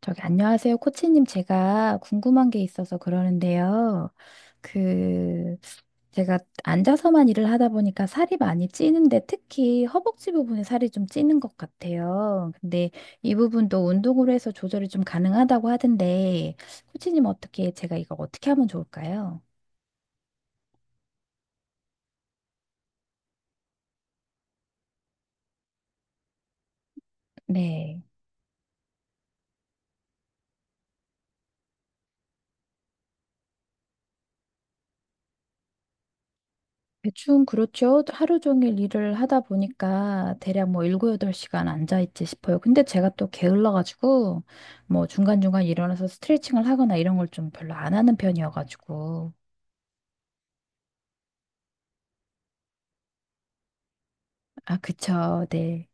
저기, 안녕하세요. 코치님, 제가 궁금한 게 있어서 그러는데요. 그, 제가 앉아서만 일을 하다 보니까 살이 많이 찌는데 특히 허벅지 부분에 살이 좀 찌는 것 같아요. 근데 이 부분도 운동으로 해서 조절이 좀 가능하다고 하던데, 코치님 어떻게, 제가 이거 어떻게 하면 좋을까요? 네. 대충 그렇죠. 하루 종일 일을 하다 보니까 대략 뭐 7, 8시간 앉아있지 싶어요. 근데 제가 또 게을러가지고 뭐 중간중간 일어나서 스트레칭을 하거나 이런 걸 좀 별로 안 하는 편이어가지고. 아, 그쵸. 네.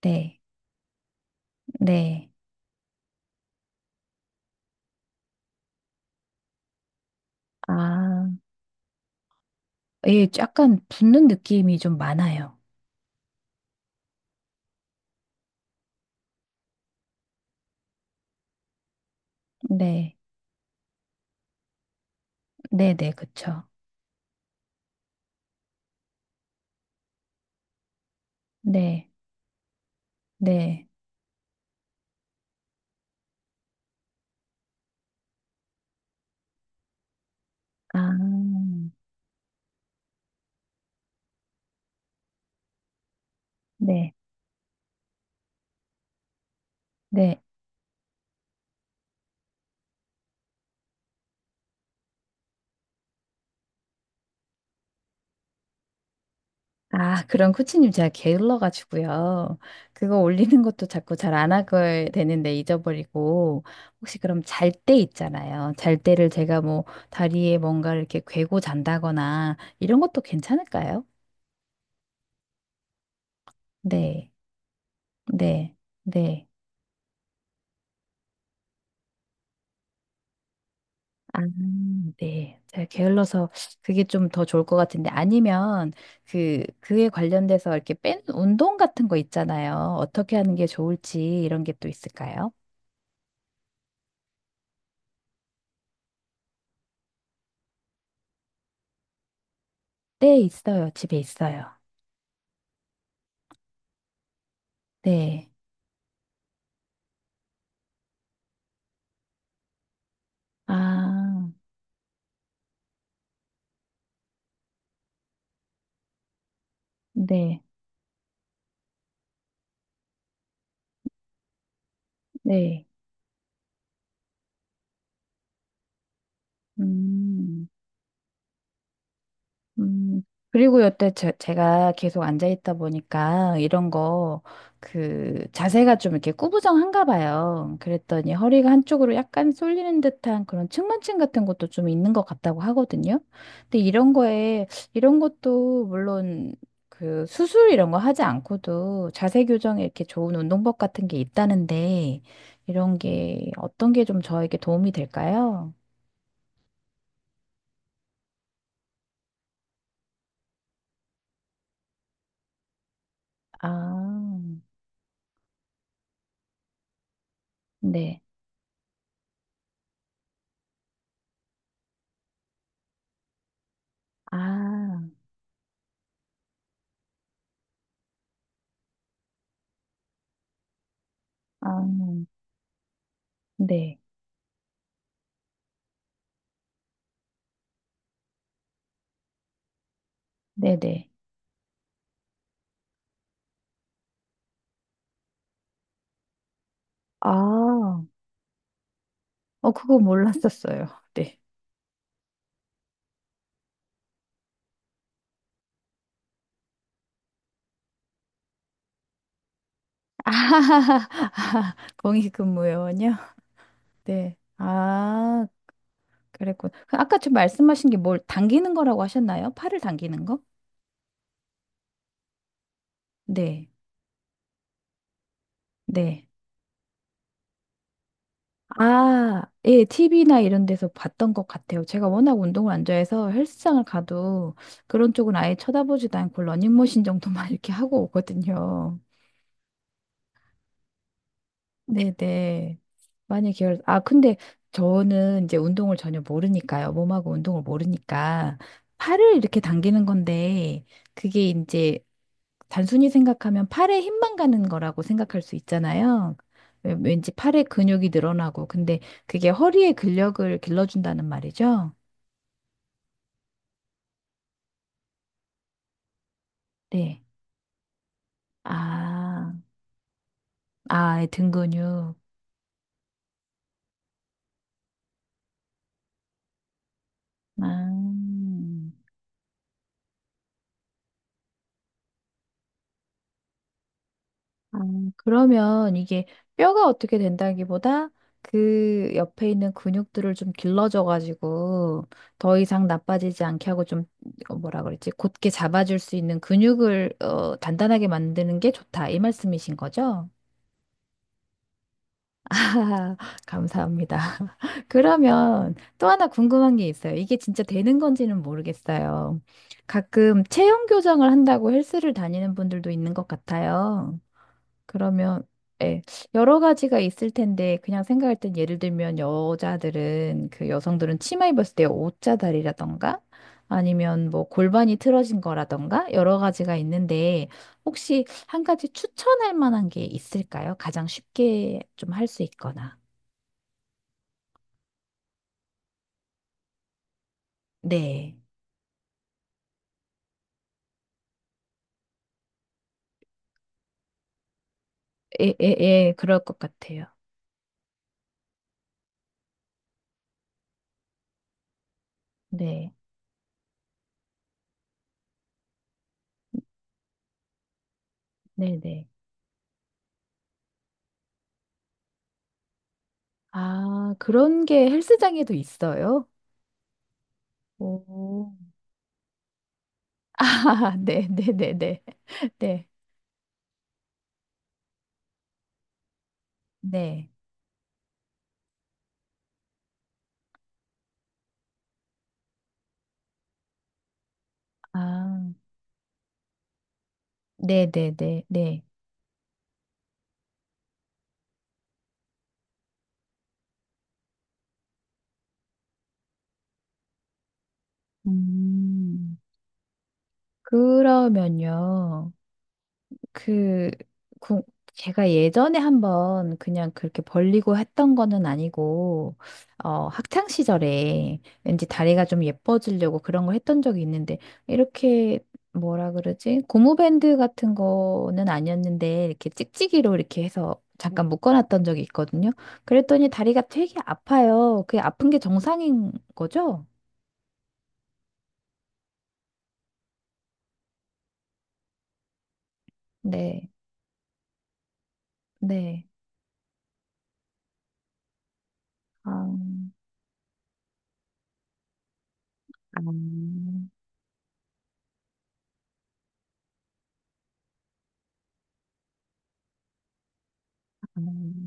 네. 네. 아, 예, 약간 붓는 느낌이 좀 많아요. 네. 네네, 그쵸. 네. 네. 아, 네. 네. 아, 그런 코치님 제가 게을러 가지고요. 그거 올리는 것도 자꾸 잘 안 하게 되는데 잊어버리고 혹시 그럼 잘 때 있잖아요. 잘 때를 제가 뭐 다리에 뭔가 이렇게 괴고 잔다거나 이런 것도 괜찮을까요? 네. 네. 네. 아, 네. 제가 게을러서 그게 좀 더 좋을 것 같은데 아니면 그에 관련돼서 이렇게 뺀 운동 같은 거 있잖아요. 어떻게 하는 게 좋을지 이런 게 또 있을까요? 네, 있어요. 집에 있어요. 네. 아, 네, 네. 음. 음, 그리고 여태 제가 계속 앉아 있다 보니까 이런 거, 자세가 좀 이렇게 꾸부정한가 봐요. 그랬더니 허리가 한쪽으로 약간 쏠리는 듯한 그런 측만증 같은 것도 좀 있는 것 같다고 하거든요. 근데 이런 거에, 이런 것도 물론 그 수술 이런 거 하지 않고도 자세 교정에 이렇게 좋은 운동법 같은 게 있다는데 이런 게 어떤 게 좀 저에게 도움이 될까요? 아, 네. 아, 아. 네, 네네. 아, 그거 몰랐었어요. 네. 아, 공익근무요원이요? 네. 아, 그랬군. 그 아까 좀 말씀하신 게 뭘 당기는 거라고 하셨나요? 팔을 당기는 거? 네, 네. 아, 예, TV나 이런 데서 봤던 것 같아요. 제가 워낙 운동을 안 좋아해서 헬스장을 가도 그런 쪽은 아예 쳐다보지도 않고 러닝머신 정도만 이렇게 하고 오거든요. 네네. 아, 근데 저는 이제 운동을 전혀 모르니까요. 몸하고 운동을 모르니까 팔을 이렇게 당기는 건데 그게 이제 단순히 생각하면 팔에 힘만 가는 거라고 생각할 수 있잖아요. 왠지 팔에 근육이 늘어나고 근데 그게 허리의 근력을 길러준다는 말이죠. 네. 아, 아, 등 근육. 아. 아, 그러면 이게 뼈가 어떻게 된다기보다 그 옆에 있는 근육들을 좀 길러줘가지고 더 이상 나빠지지 않게 하고 좀 뭐라 그랬지? 곧게 잡아줄 수 있는 근육을 단단하게 만드는 게 좋다. 이 말씀이신 거죠? 감사합니다. 그러면 또 하나 궁금한 게 있어요. 이게 진짜 되는 건지는 모르겠어요. 가끔 체형 교정을 한다고 헬스를 다니는 분들도 있는 것 같아요. 그러면 예, 여러 가지가 있을 텐데 그냥 생각할 땐 예를 들면 여자들은 그 여성들은 치마 입었을 때 옷자다리라던가 아니면 뭐 골반이 틀어진 거라던가 여러 가지가 있는데 혹시 한 가지 추천할 만한 게 있을까요? 가장 쉽게 좀 할 수 있거나. 네. 예, 예, 예, 그럴 것 같아요. 네. 네, 네. 아, 그런 게 헬스장에도 있어요? 오. 아, 네, 네, 네, 네. 네. 네. 아, 네네네, 네. 음, 그러면요, 그, 구- 제가 예전에 한번 그냥 그렇게 벌리고 했던 거는 아니고, 학창 시절에 왠지 다리가 좀 예뻐지려고 그런 걸 했던 적이 있는데, 이렇게 뭐라 그러지? 고무밴드 같은 거는 아니었는데, 이렇게 찍찍이로 이렇게 해서 잠깐 묶어놨던 적이 있거든요. 그랬더니 다리가 되게 아파요. 그게 아픈 게 정상인 거죠? 네. 네. 아, 아, 아,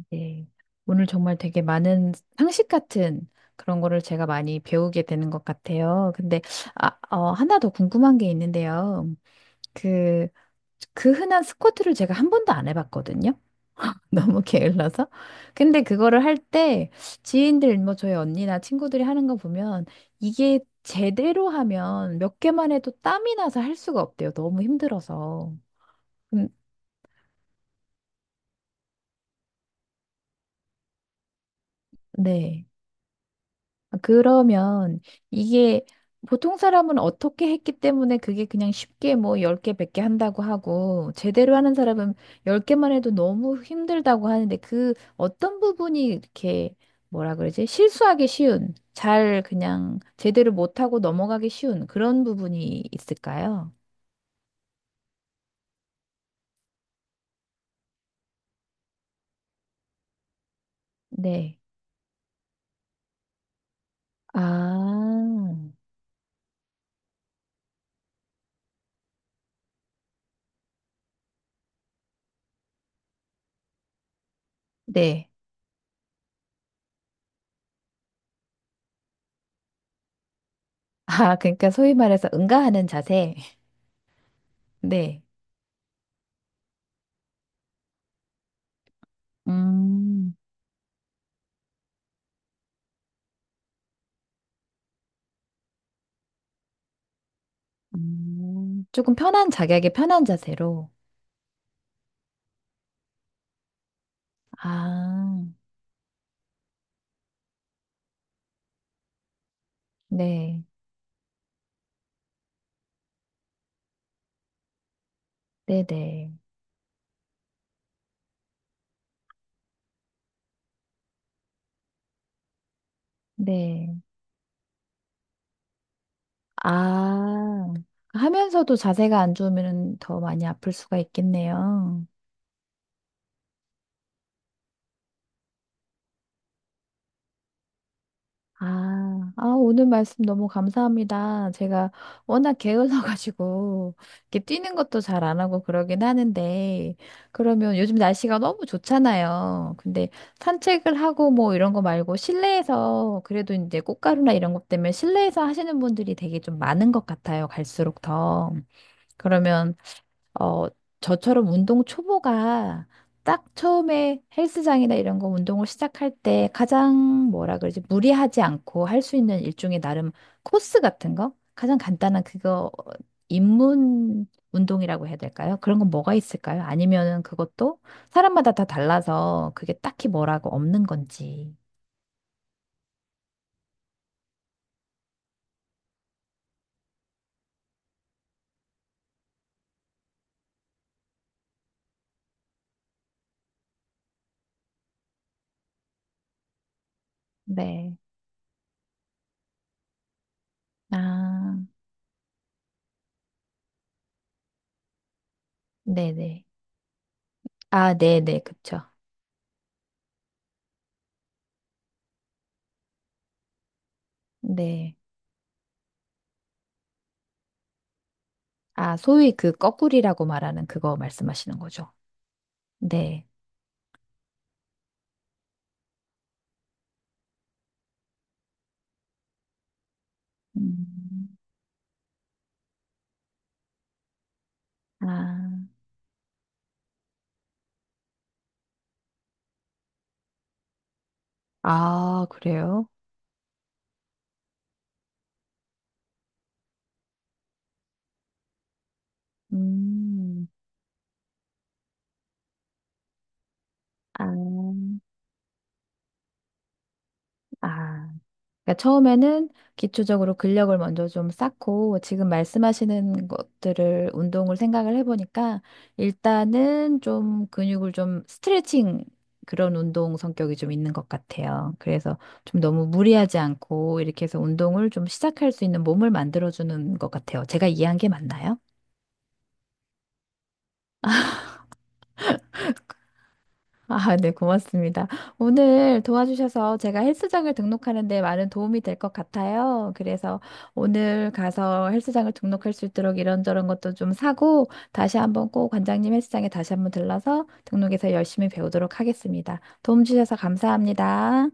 네. 오늘 정말 되게 많은 상식 같은 그런 거를 제가 많이 배우게 되는 것 같아요. 근데, 아, 하나 더 궁금한 게 있는데요. 그, 그 흔한 스쿼트를 제가 한 번도 안 해봤거든요. 너무 게을러서. 근데 그거를 할 때 지인들, 뭐 저희 언니나 친구들이 하는 거 보면 이게 제대로 하면 몇 개만 해도 땀이 나서 할 수가 없대요. 너무 힘들어서. 음, 네. 아, 그러면 이게 보통 사람은 어떻게 했기 때문에 그게 그냥 쉽게 뭐 10개, 100개 한다고 하고 제대로 하는 사람은 10개만 해도 너무 힘들다고 하는데 그 어떤 부분이 이렇게 뭐라 그러지? 실수하기 쉬운, 잘 그냥 제대로 못하고 넘어가기 쉬운 그런 부분이 있을까요? 네. 아, 네. 아, 그러니까 소위 말해서 응가하는 자세. 네. 음. 조금 편한 자기에게 편한 자세로. 아, 네, 네네, 네. 네. 아, 하면서도 자세가 안 좋으면 더 많이 아플 수가 있겠네요. 아, 아, 오늘 말씀 너무 감사합니다. 제가 워낙 게을러가지고, 이렇게 뛰는 것도 잘 안 하고 그러긴 하는데, 그러면 요즘 날씨가 너무 좋잖아요. 근데 산책을 하고 뭐 이런 거 말고 실내에서, 그래도 이제 꽃가루나 이런 것 때문에 실내에서 하시는 분들이 되게 좀 많은 것 같아요. 갈수록 더. 그러면 어, 저처럼 운동 초보가 딱 처음에 헬스장이나 이런 거 운동을 시작할 때 가장 뭐라 그러지? 무리하지 않고 할 수 있는 일종의 나름 코스 같은 거? 가장 간단한 그거 입문 운동이라고 해야 될까요? 그런 건 뭐가 있을까요? 아니면은 그것도 사람마다 다 달라서 그게 딱히 뭐라고 없는 건지. 네. 아, 네네. 아, 네네. 그쵸. 네. 아, 소위 그 거꾸리라고 말하는 그거 말씀하시는 거죠. 네. 음, 아, 아, 그래요? 음, 아, 아. 그러니까 처음에는 기초적으로 근력을 먼저 좀 쌓고 지금 말씀하시는 것들을 운동을 생각을 해보니까 일단은 좀 근육을 좀 스트레칭 그런 운동 성격이 좀 있는 것 같아요. 그래서 좀 너무 무리하지 않고 이렇게 해서 운동을 좀 시작할 수 있는 몸을 만들어주는 것 같아요. 제가 이해한 게 맞나요? 아, 네, 고맙습니다. 오늘 도와주셔서 제가 헬스장을 등록하는데 많은 도움이 될 것 같아요. 그래서 오늘 가서 헬스장을 등록할 수 있도록 이런저런 것도 좀 사고 다시 한번 꼭 관장님 헬스장에 다시 한번 들러서 등록해서 열심히 배우도록 하겠습니다. 도움 주셔서 감사합니다.